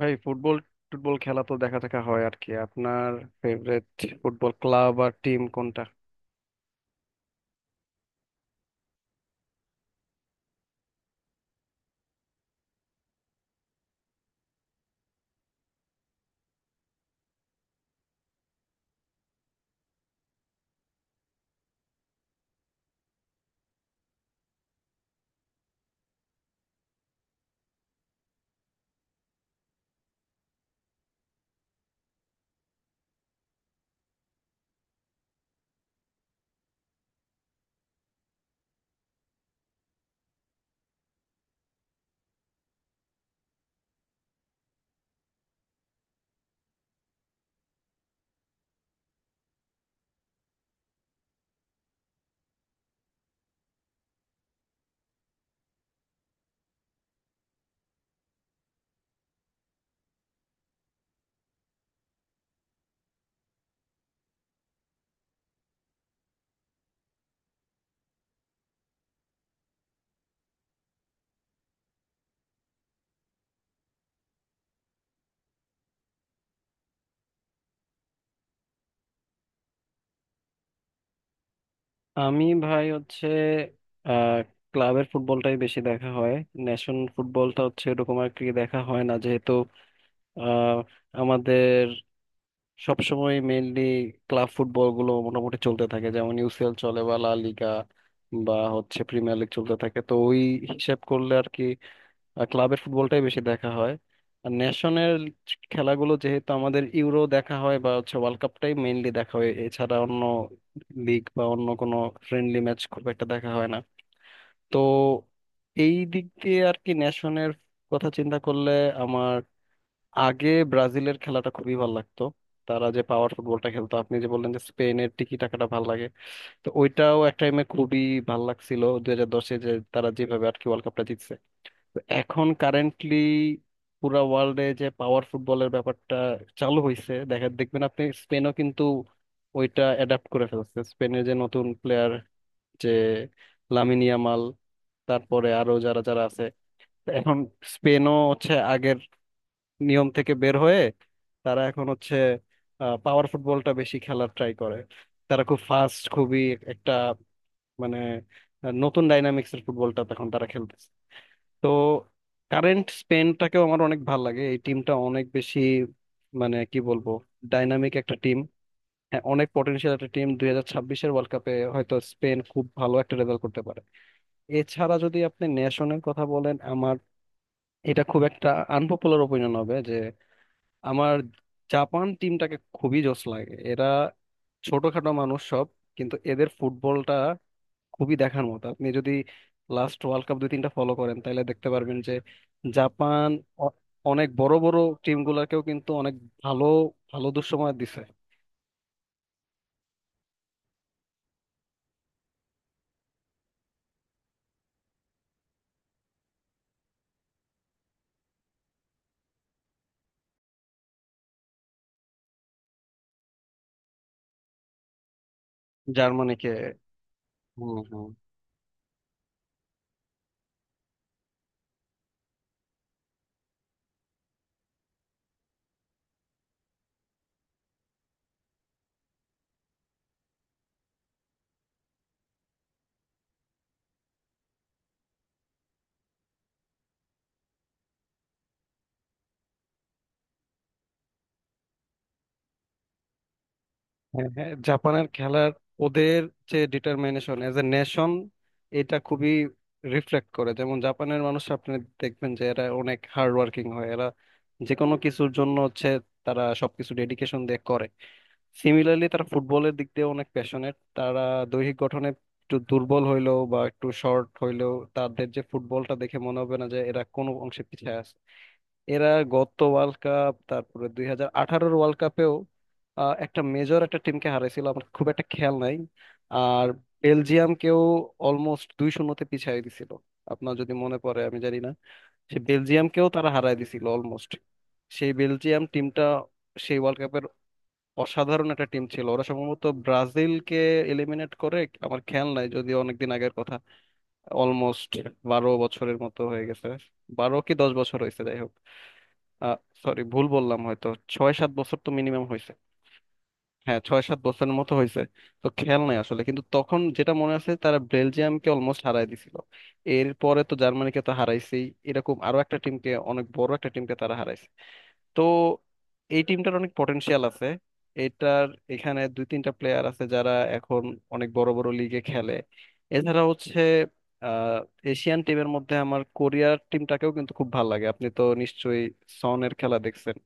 ভাই football football খেলা তো দেখা টাকা হয় আর কি আপনার ফেভারিট ফুটবল ক্লাব আর টিম কোনটা? আমি ভাই হচ্ছে আহ ক্লাবের ফুটবলটাই বেশি দেখা হয়। ন্যাশন ফুটবলটা হচ্ছে এরকম আর কি দেখা হয় না, যেহেতু আহ আমাদের সবসময় মেইনলি ক্লাব ফুটবল গুলো মোটামুটি চলতে থাকে, যেমন ইউসিএল চলে বা লা লিগা বা হচ্ছে প্রিমিয়ার লিগ চলতে থাকে, তো ওই হিসেব করলে আর কি আর ক্লাবের ফুটবলটাই বেশি দেখা হয়। আর ন্যাশনাল খেলাগুলো যেহেতু আমাদের ইউরো দেখা হয় বা হচ্ছে ওয়ার্ল্ড কাপটাই মেইনলি দেখা হয়, এছাড়া অন্য লিগ বা অন্য কোনো ফ্রেন্ডলি ম্যাচ খুব একটা দেখা হয় না। তো এই দিক দিয়ে আর কি ন্যাশনের কথা চিন্তা করলে আমার আগে ব্রাজিলের খেলাটা খুবই ভালো লাগতো। তারা যে পাওয়ার ফুটবলটা খেলতো, আপনি যে বললেন যে স্পেনের টিকি টাকাটা ভালো লাগে, তো ওইটাও এক টাইমে খুবই ভালো লাগছিল 2010-এ, যে তারা যেভাবে আর কি ওয়ার্ল্ড কাপটা জিতছে। তো এখন কারেন্টলি পুরা ওয়ার্ল্ডে যে পাওয়ার ফুটবলের ব্যাপারটা চালু হয়েছে, দেখা দেখবেন আপনি স্পেনও কিন্তু ওইটা অ্যাডাপ্ট করে ফেলছে। স্পেনের যে নতুন প্লেয়ার যে লামিন ইয়ামাল, তারপরে আরো যারা যারা আছে এখন, স্পেনও হচ্ছে আগের নিয়ম থেকে বের হয়ে তারা এখন হচ্ছে পাওয়ার ফুটবলটা বেশি খেলার ট্রাই করে। তারা খুব ফাস্ট, খুবই একটা মানে নতুন ডাইনামিক্সের ফুটবলটা তখন তারা খেলতেছে। তো কারেন্ট স্পেনটাকেও আমার অনেক ভালো লাগে, এই টিমটা অনেক বেশি মানে কি বলবো ডাইনামিক একটা টিম। হ্যাঁ, অনেক পটেনশিয়াল একটা টিম, 2026-এর ওয়ার্ল্ড কাপে হয়তো স্পেন খুব ভালো একটা রেজাল্ট করতে পারে। এছাড়া যদি আপনি ন্যাশনের কথা বলেন, আমার এটা খুব একটা আনপপুলার ওপিনিয়ন হবে যে আমার জাপান টিমটাকে খুবই জোশ লাগে। এরা ছোটখাটো মানুষ সব, কিন্তু এদের ফুটবলটা খুবই দেখার মতো। আপনি যদি লাস্ট ওয়ার্ল্ড কাপ 2-3টা ফলো করেন, তাহলে দেখতে পারবেন যে জাপান অ- অনেক বড় বড় টিম গুলাকেও কিন্তু অনেক ভালো ভালো দুঃসময় দিছে। জার্মানিকে। হম। হ্যাঁ হ্যাঁ, জাপানের খেলার ওদের যে ডিটারমিনেশন এজ এ নেশন, এটা খুবই রিফ্লেক্ট করে। যেমন জাপানের মানুষ আপনি দেখবেন যে এরা অনেক হার্ড ওয়ার্কিং হয়, এরা যে কোনো কিছুর জন্য হচ্ছে তারা সবকিছু ডেডিকেশন দিয়ে করে। সিমিলারলি তারা ফুটবলের দিক দিয়ে অনেক প্যাশনেট। তারা দৈহিক গঠনে একটু দুর্বল হইলেও বা একটু শর্ট হইলেও তাদের যে ফুটবলটা দেখে মনে হবে না যে এরা কোনো অংশে পিছিয়ে আছে। এরা গত ওয়ার্ল্ড কাপ, তারপরে 2018-র ওয়ার্ল্ড কাপেও একটা মেজর একটা টিমকে হারাইছিল, আমার খুব একটা খেয়াল নাই। আর বেলজিয়ামকেও অলমোস্ট 2-0-তে পিছিয়ে দিছিল, আপনার যদি মনে পড়ে, আমি জানি না। সে বেলজিয়ামকেও তারা হারাই দিছিল অলমোস্ট। সেই বেলজিয়াম টিমটা সেই ওয়ার্ল্ড কাপের অসাধারণ একটা টিম ছিল, ওরা সম্ভবত ব্রাজিলকে এলিমিনেট করে। আমার খেয়াল নাই, যদি অনেকদিন আগের কথা, অলমোস্ট 12 বছরের মতো হয়ে গেছে, 12 কি 10 বছর হয়েছে, যাই হোক। আহ সরি, ভুল বললাম হয়তো, 6-7 বছর তো মিনিমাম হয়েছে। হ্যাঁ, 6-7 বছরের মতো হয়েছে। তো খেয়াল নাই আসলে, কিন্তু তখন যেটা মনে আছে, তারা বেলজিয়ামকে অলমোস্ট হারাই দিছিল। এরপরে তো জার্মানিকে তো হারাইছেই, এরকম আরো একটা টিমকে, অনেক বড় একটা টিমকে তারা হারাইছে। তো এই টিমটার অনেক পটেনশিয়াল আছে। এটার এখানে 2-3টা প্লেয়ার আছে যারা এখন অনেক বড় বড় লিগে খেলে। এছাড়া হচ্ছে আহ এশিয়ান টিমের মধ্যে আমার কোরিয়ার টিমটাকেও কিন্তু খুব ভালো লাগে। আপনি তো নিশ্চয়ই সনের খেলা দেখছেন।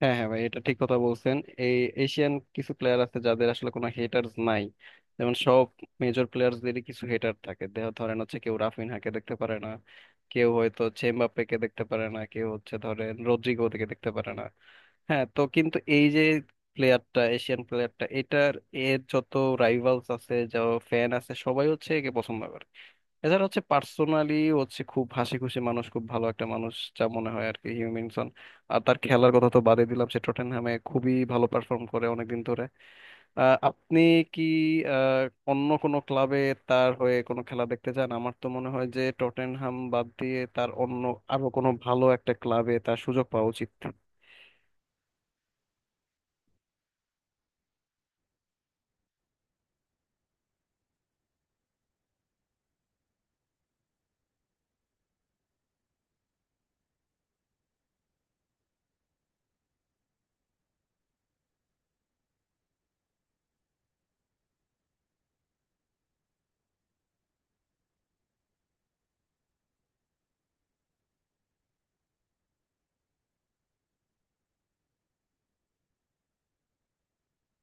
হ্যাঁ হ্যাঁ ভাই, এটা ঠিক কথা বলছেন। এই এশিয়ান কিছু প্লেয়ার আছে যাদের আসলে কোনো হেটার্স নাই। যেমন সব মেজর প্লেয়ারদেরই কিছু হেটার থাকে, দেহ ধরেন হচ্ছে কেউ রাফিনহাকে দেখতে পারে না, কেউ হয়তো চেমবাপ্পেকে দেখতে পারে না, কেউ হচ্ছে ধরেন রদ্রিগোকে দেখতে পারে না। হ্যাঁ, তো কিন্তু এই যে প্লেয়ারটা, এশিয়ান প্লেয়ারটা, এটার এর যত রাইভালস আছে, যত ফ্যান আছে, সবাই হচ্ছে একে পছন্দ করে। এছাড়া হচ্ছে পার্সোনালি হচ্ছে খুব হাসি খুশি মানুষ, খুব ভালো একটা মানুষ, যা মনে হয় আর কি, হিউমিনসন। আর তার খেলার কথা তো বাদই দিলাম, সে টটেনহামে খুবই ভালো পারফর্ম করে অনেকদিন ধরে। আপনি কি আহ, অন্য কোনো ক্লাবে তার হয়ে কোনো খেলা দেখতে চান? আমার তো মনে হয় যে টটেনহাম বাদ দিয়ে তার অন্য আরো কোনো ভালো একটা ক্লাবে তার সুযোগ পাওয়া উচিত।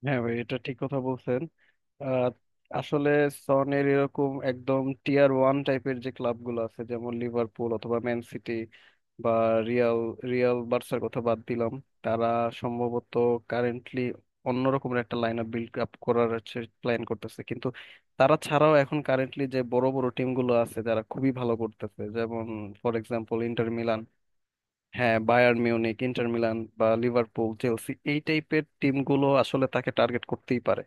হ্যাঁ ভাই, এটা ঠিক কথা বলছেন। আহ, আসলে সনের এরকম একদম টিয়ার ওয়ান টাইপের যে ক্লাবগুলো আছে, যেমন লিভারপুল অথবা ম্যান সিটি বা রিয়াল, বার্সার কথা বাদ দিলাম, তারা সম্ভবত কারেন্টলি অন্যরকমের একটা লাইন আপ বিল্ড আপ করার প্ল্যান করতেছে। কিন্তু তারা ছাড়াও এখন কারেন্টলি যে বড় বড় টিমগুলো আছে যারা খুবই ভালো করতেছে, যেমন ফর এক্সাম্পল ইন্টার মিলান। হ্যাঁ, বায়ার্ন মিউনিক, ইন্টার মিলান বা লিভারপুল, চেলসি, এই টাইপের টিমগুলো আসলে তাকে টার্গেট করতেই পারে।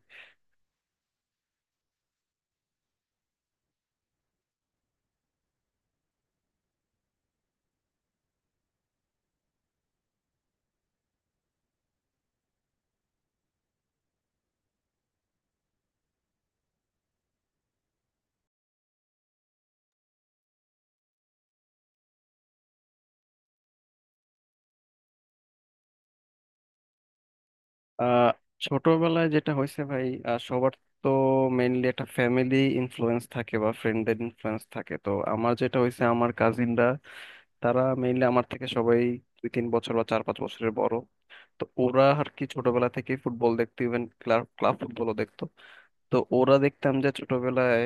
আহ ছোটবেলায় যেটা হয়েছে ভাই, সবার তো মেইনলি একটা ফ্যামিলি ইনফ্লুয়েন্স থাকে বা ফ্রেন্ডদের ইনফ্লুয়েন্স থাকে। তো আমার যেটা হয়েছে, আমার কাজিনরা তারা মেইনলি আমার থেকে সবাই 2-3 বছর বা 4-5 বছরের বড়। তো ওরা আর কি ছোটবেলা থেকেই ফুটবল দেখতো, ইভেন ক্লাব ক্লাব ফুটবলও দেখতো। তো ওরা দেখতাম যে ছোটবেলায়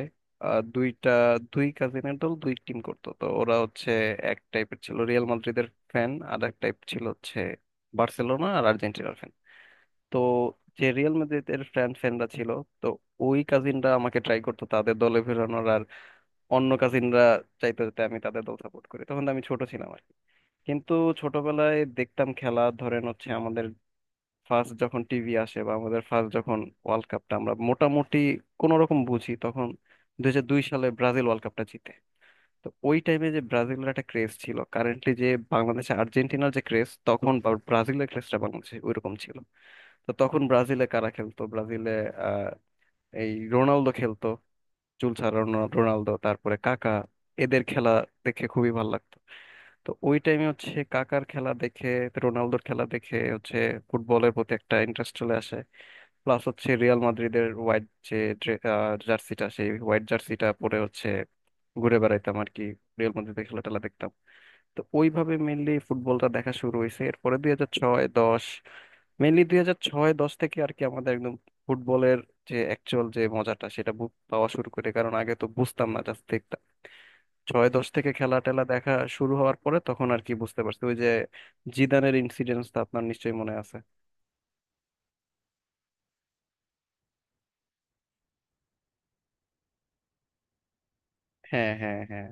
আহ, দুইটা দুই কাজিনের দল, দুই টিম করতো। তো ওরা হচ্ছে এক টাইপের ছিল রিয়াল মাদ্রিদের ফ্যান, আর এক টাইপ ছিল হচ্ছে বার্সেলোনা আর আর্জেন্টিনার ফ্যান। তো যে রিয়াল মাদ্রিদের ফ্যানরা ছিল, তো ওই কাজিনরা আমাকে ট্রাই করতো তাদের দলে ফেরানোর, আর অন্য কাজিনরা চাইতো যাতে আমি তাদের দল সাপোর্ট করি। তখন তো আমি ছোট ছিলাম আর কি। কিন্তু ছোটবেলায় দেখতাম খেলা, ধরেন হচ্ছে আমাদের ফার্স্ট যখন টিভি আসে বা আমাদের ফার্স্ট যখন ওয়ার্ল্ড কাপটা আমরা মোটামুটি কোন রকম বুঝি, তখন 2002 সালে ব্রাজিল ওয়ার্ল্ড কাপটা জিতে। তো ওই টাইমে যে ব্রাজিলের একটা ক্রেজ ছিল, কারেন্টলি যে বাংলাদেশে আর্জেন্টিনার যে ক্রেজ, তখন ব্রাজিলের ক্রেজটা বাংলাদেশে ওইরকম ছিল। তো তখন ব্রাজিলে কারা খেলতো, ব্রাজিলে আহ এই রোনালদো খেলতো, চুল ছাড়া রোনালদো, তারপরে কাকা। এদের খেলা দেখে খুবই ভালো লাগতো। তো ওই টাইমে হচ্ছে কাকার খেলা দেখে, রোনালদোর খেলা দেখে হচ্ছে ফুটবলের প্রতি একটা ইন্টারেস্ট চলে আসে। প্লাস হচ্ছে রিয়াল মাদ্রিদের হোয়াইট যে জার্সিটা, সেই হোয়াইট জার্সিটা পরে হচ্ছে ঘুরে বেড়াইতাম আর কি, রিয়াল মাদ্রিদের খেলা টেলা দেখতাম। তো ওইভাবে মেনলি ফুটবলটা দেখা শুরু হয়েছে। এরপরে 2006, 2010, মেনলি 2006, 2010 থেকে আর কি আমাদের একদম ফুটবলের যে অ্যাকচুয়াল যে মজাটা সেটা পাওয়া শুরু করে, কারণ আগে তো বুঝতাম না, জাস্ট দেখতাম। 2006, 2010 থেকে খেলা টেলা দেখা শুরু হওয়ার পরে তখন আর কি বুঝতে পারছি ওই যে জিদানের ইনসিডেন্টস তো আপনার নিশ্চয়ই মনে আছে। হ্যাঁ হ্যাঁ হ্যাঁ।